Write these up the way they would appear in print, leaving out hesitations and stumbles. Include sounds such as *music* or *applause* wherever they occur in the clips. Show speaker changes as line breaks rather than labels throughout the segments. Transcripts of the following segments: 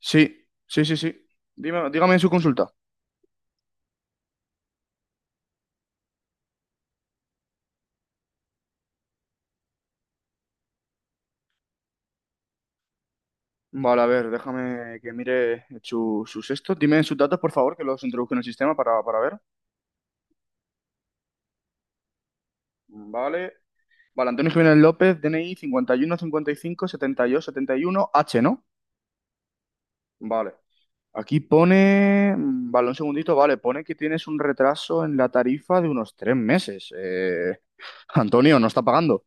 Sí, sí, sí, sí. Dígame su consulta. Vale, a ver, déjame que mire sus esto. Dime sus datos, por favor, que los introduzco en el sistema para ver. Vale. Vale, Antonio Jiménez López, DNI 51 72 71 H, ¿no? Vale. Aquí pone, vale, un segundito, vale, pone que tienes un retraso en la tarifa de unos 3 meses. Antonio, no está pagando.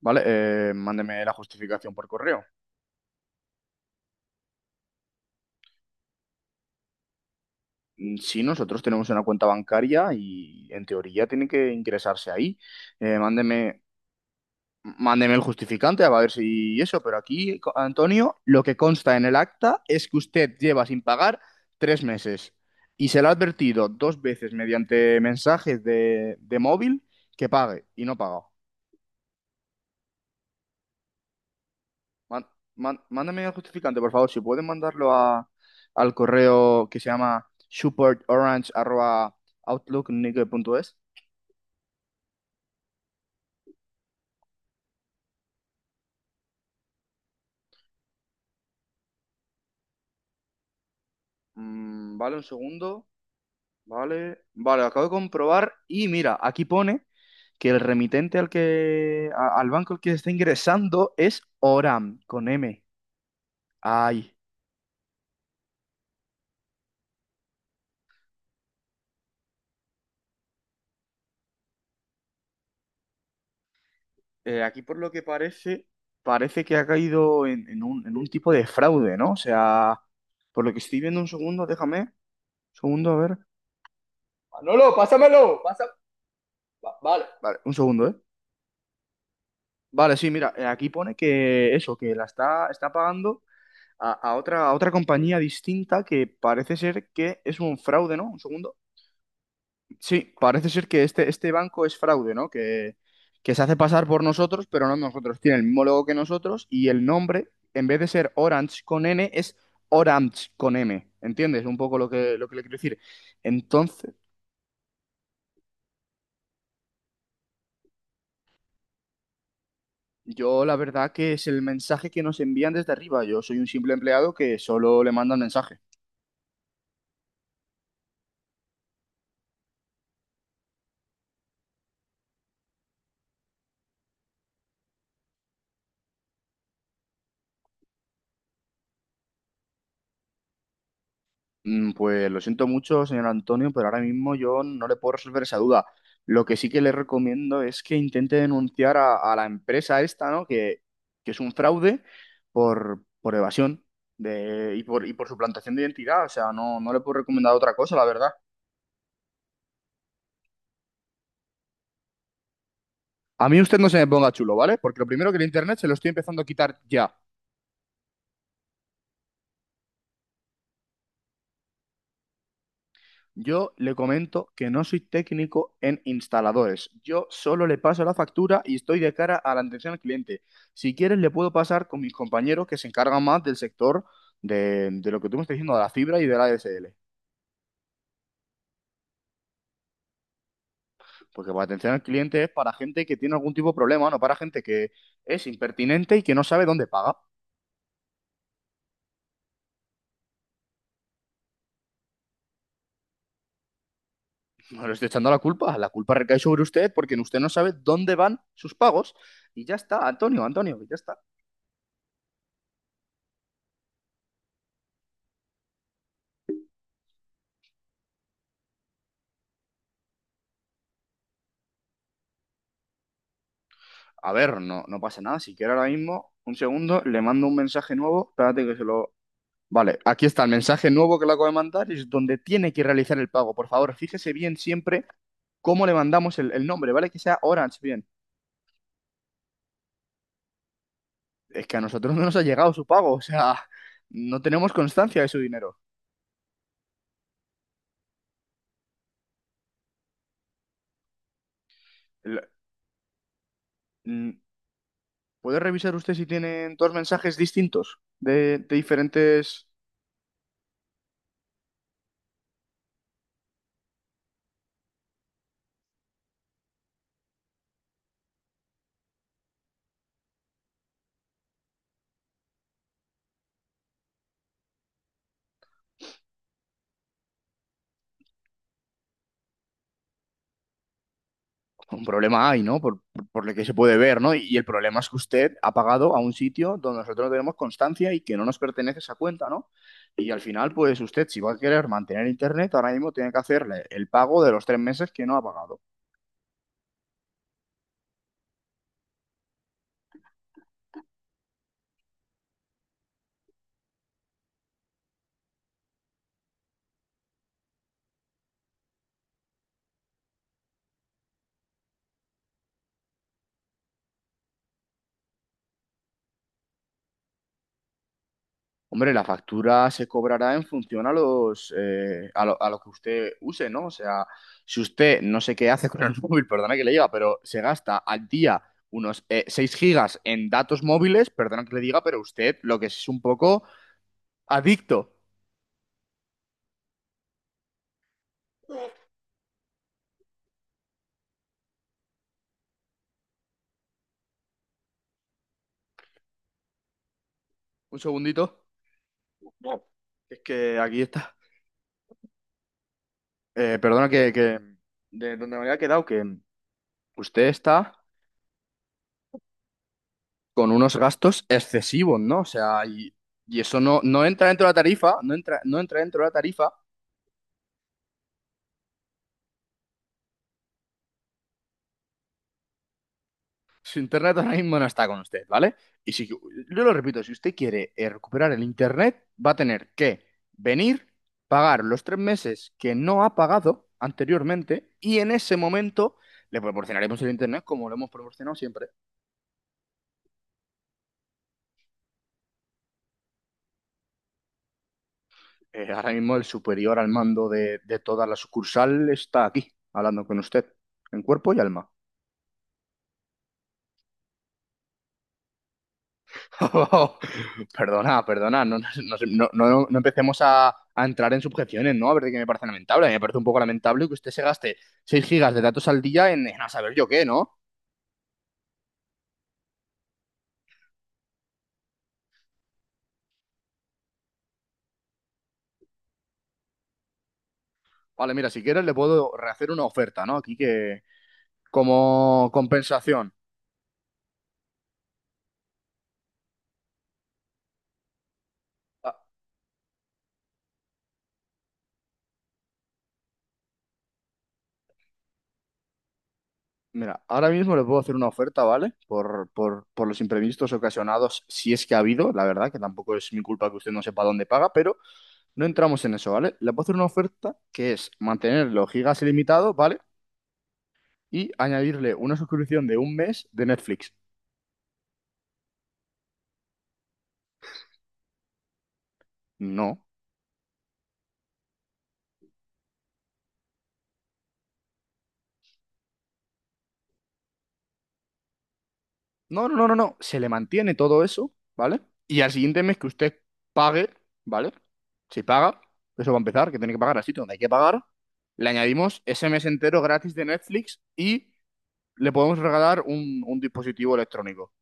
Vale, mándeme la justificación por correo. Sí, nosotros tenemos una cuenta bancaria y en teoría tiene que ingresarse ahí. Eh, mándeme, mándeme el justificante a ver si eso, pero aquí, Antonio, lo que consta en el acta es que usted lleva sin pagar 3 meses y se le ha advertido dos veces mediante mensajes de móvil que pague y no paga. Man- Mándame el justificante, por favor, si pueden mandarlo al correo que se llama supportorange.outlook.es. Mm, vale, un segundo. Vale. Vale, acabo de comprobar. Y mira, aquí pone que el remitente al que, al banco al que está ingresando es Oram, con M. Ay. Aquí por lo que parece, parece que ha caído en un tipo de fraude, ¿no? O sea, por lo que estoy viendo un segundo, déjame. Un segundo, a ver. Manolo, pásamelo, pasa. Vale. Vale, un segundo, ¿eh? Vale, sí, mira, aquí pone que eso, que la está pagando a otra compañía distinta que parece ser que es un fraude, ¿no? Un segundo. Sí, parece ser que este banco es fraude, ¿no? Que se hace pasar por nosotros, pero no nosotros. Tiene el mismo logo que nosotros y el nombre, en vez de ser Orange con N, es Orange con M. ¿Entiendes? Un poco lo que le quiero decir. Entonces, yo la verdad que es el mensaje que nos envían desde arriba. Yo soy un simple empleado que solo le mandan mensajes. Pues lo siento mucho, señor Antonio, pero ahora mismo yo no le puedo resolver esa duda. Lo que sí que le recomiendo es que intente denunciar a la empresa esta, ¿no? Que es un fraude por evasión y por suplantación de identidad. O sea, no le puedo recomendar otra cosa, la verdad. A mí usted no se me ponga chulo, ¿vale? Porque lo primero que el internet se lo estoy empezando a quitar ya. Yo le comento que no soy técnico en instaladores. Yo solo le paso la factura y estoy de cara a la atención al cliente. Si quieres, le puedo pasar con mis compañeros que se encargan más del sector de lo que tú me estás diciendo, de la fibra y de la ADSL. Porque la atención al cliente es para gente que tiene algún tipo de problema, no para gente que es impertinente y que no sabe dónde paga. *laughs* No le estoy echando la culpa. La culpa recae sobre usted porque usted no sabe dónde van sus pagos. Y ya está, Antonio, Antonio, ya está. A ver, no, no pasa nada. Si quiere ahora mismo, un segundo, le mando un mensaje nuevo. Espérate que se lo... Vale, aquí está el mensaje nuevo que le acabo de mandar. Es donde tiene que realizar el pago. Por favor, fíjese bien siempre cómo le mandamos el nombre, ¿vale? Que sea Orange, bien. Es que a nosotros no nos ha llegado su pago. *laughs* O sea, no tenemos constancia de su dinero. El- mm, ¿Puede revisar usted si tienen dos mensajes distintos de diferentes... Un problema hay, ¿no? Por lo que se puede ver, ¿no? Y el problema es que usted ha pagado a un sitio donde nosotros no tenemos constancia y que no nos pertenece esa cuenta, ¿no? Y al final, pues usted, si va a querer mantener internet, ahora mismo tiene que hacerle el pago de los 3 meses que no ha pagado. Hombre, la factura se cobrará en función a lo que usted use, ¿no? O sea, si usted no sé qué hace con el *laughs* móvil, perdona que le diga, pero se gasta al día unos 6 gigas en datos móviles, perdona que le diga, pero usted lo que es un poco adicto. Un segundito. Es que aquí está. Perdona. De donde me había quedado, que usted está con unos gastos excesivos, ¿no? O sea, y eso no entra dentro de la tarifa, no entra dentro de la tarifa. Su internet ahora mismo no está con usted, ¿vale? Y si, yo lo repito, si usted quiere recuperar el internet, va a tener que venir, pagar los 3 meses que no ha pagado anteriormente y en ese momento le proporcionaremos el internet como lo hemos proporcionado siempre. Ahora mismo el superior al mando de toda la sucursal está aquí, hablando con usted, en cuerpo y alma. *laughs* Perdona, perdona, no empecemos a entrar en subjeciones, ¿no? A ver de qué me parece lamentable. A mí me parece un poco lamentable que usted se gaste 6 gigas de datos al día en a saber yo qué, ¿no? Vale, mira, si quieres le puedo rehacer una oferta, ¿no? Aquí que como compensación. Ah, mira, ahora mismo le puedo hacer una oferta, ¿vale? Por los imprevistos ocasionados, si es que ha habido, la verdad, que tampoco es mi culpa que usted no sepa dónde paga, pero no entramos en eso, ¿vale? Le puedo hacer una oferta que es mantenerlo gigas ilimitado, ¿vale? Y añadirle una suscripción de un mes de Netflix. No. No, no, no, no, no. Se le mantiene todo eso, ¿vale? Y al siguiente mes que usted pague, ¿vale? Si paga, eso va a empezar, que tiene que pagar así, donde hay que pagar, le añadimos ese mes entero gratis de Netflix y le podemos regalar un dispositivo electrónico.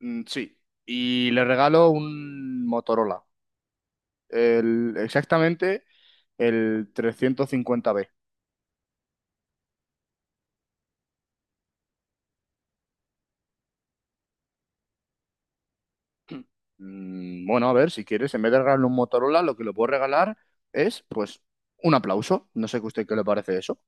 Mm, sí. Y le regalo un Motorola. Exactamente el 350B. Mm, bueno, a ver, si quieres, en vez de regalarle un Motorola, lo que le puedo regalar es, pues, un aplauso. No sé que a usted qué le parece eso.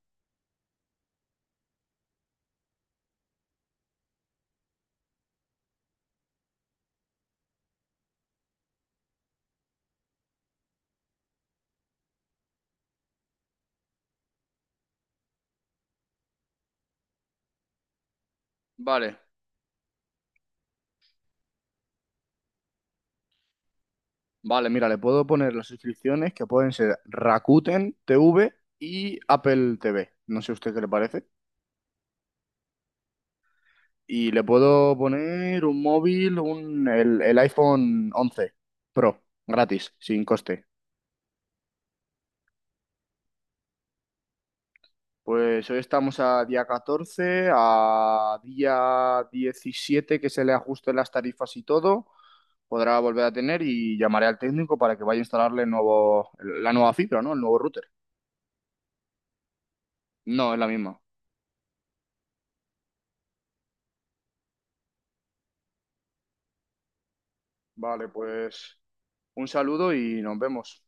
Vale, vale, mira, le puedo poner las suscripciones que pueden ser Rakuten TV y Apple TV. No sé a usted qué le parece. Y le puedo poner un móvil, el iPhone 11 Pro, gratis, sin coste. Pues hoy estamos a día 14 a día 17 que se le ajusten las tarifas y todo, podrá volver a tener y llamaré al técnico para que vaya a instalarle el nuevo, la nueva fibra, ¿no? El nuevo router. No, es la misma. Vale, pues un saludo y nos vemos.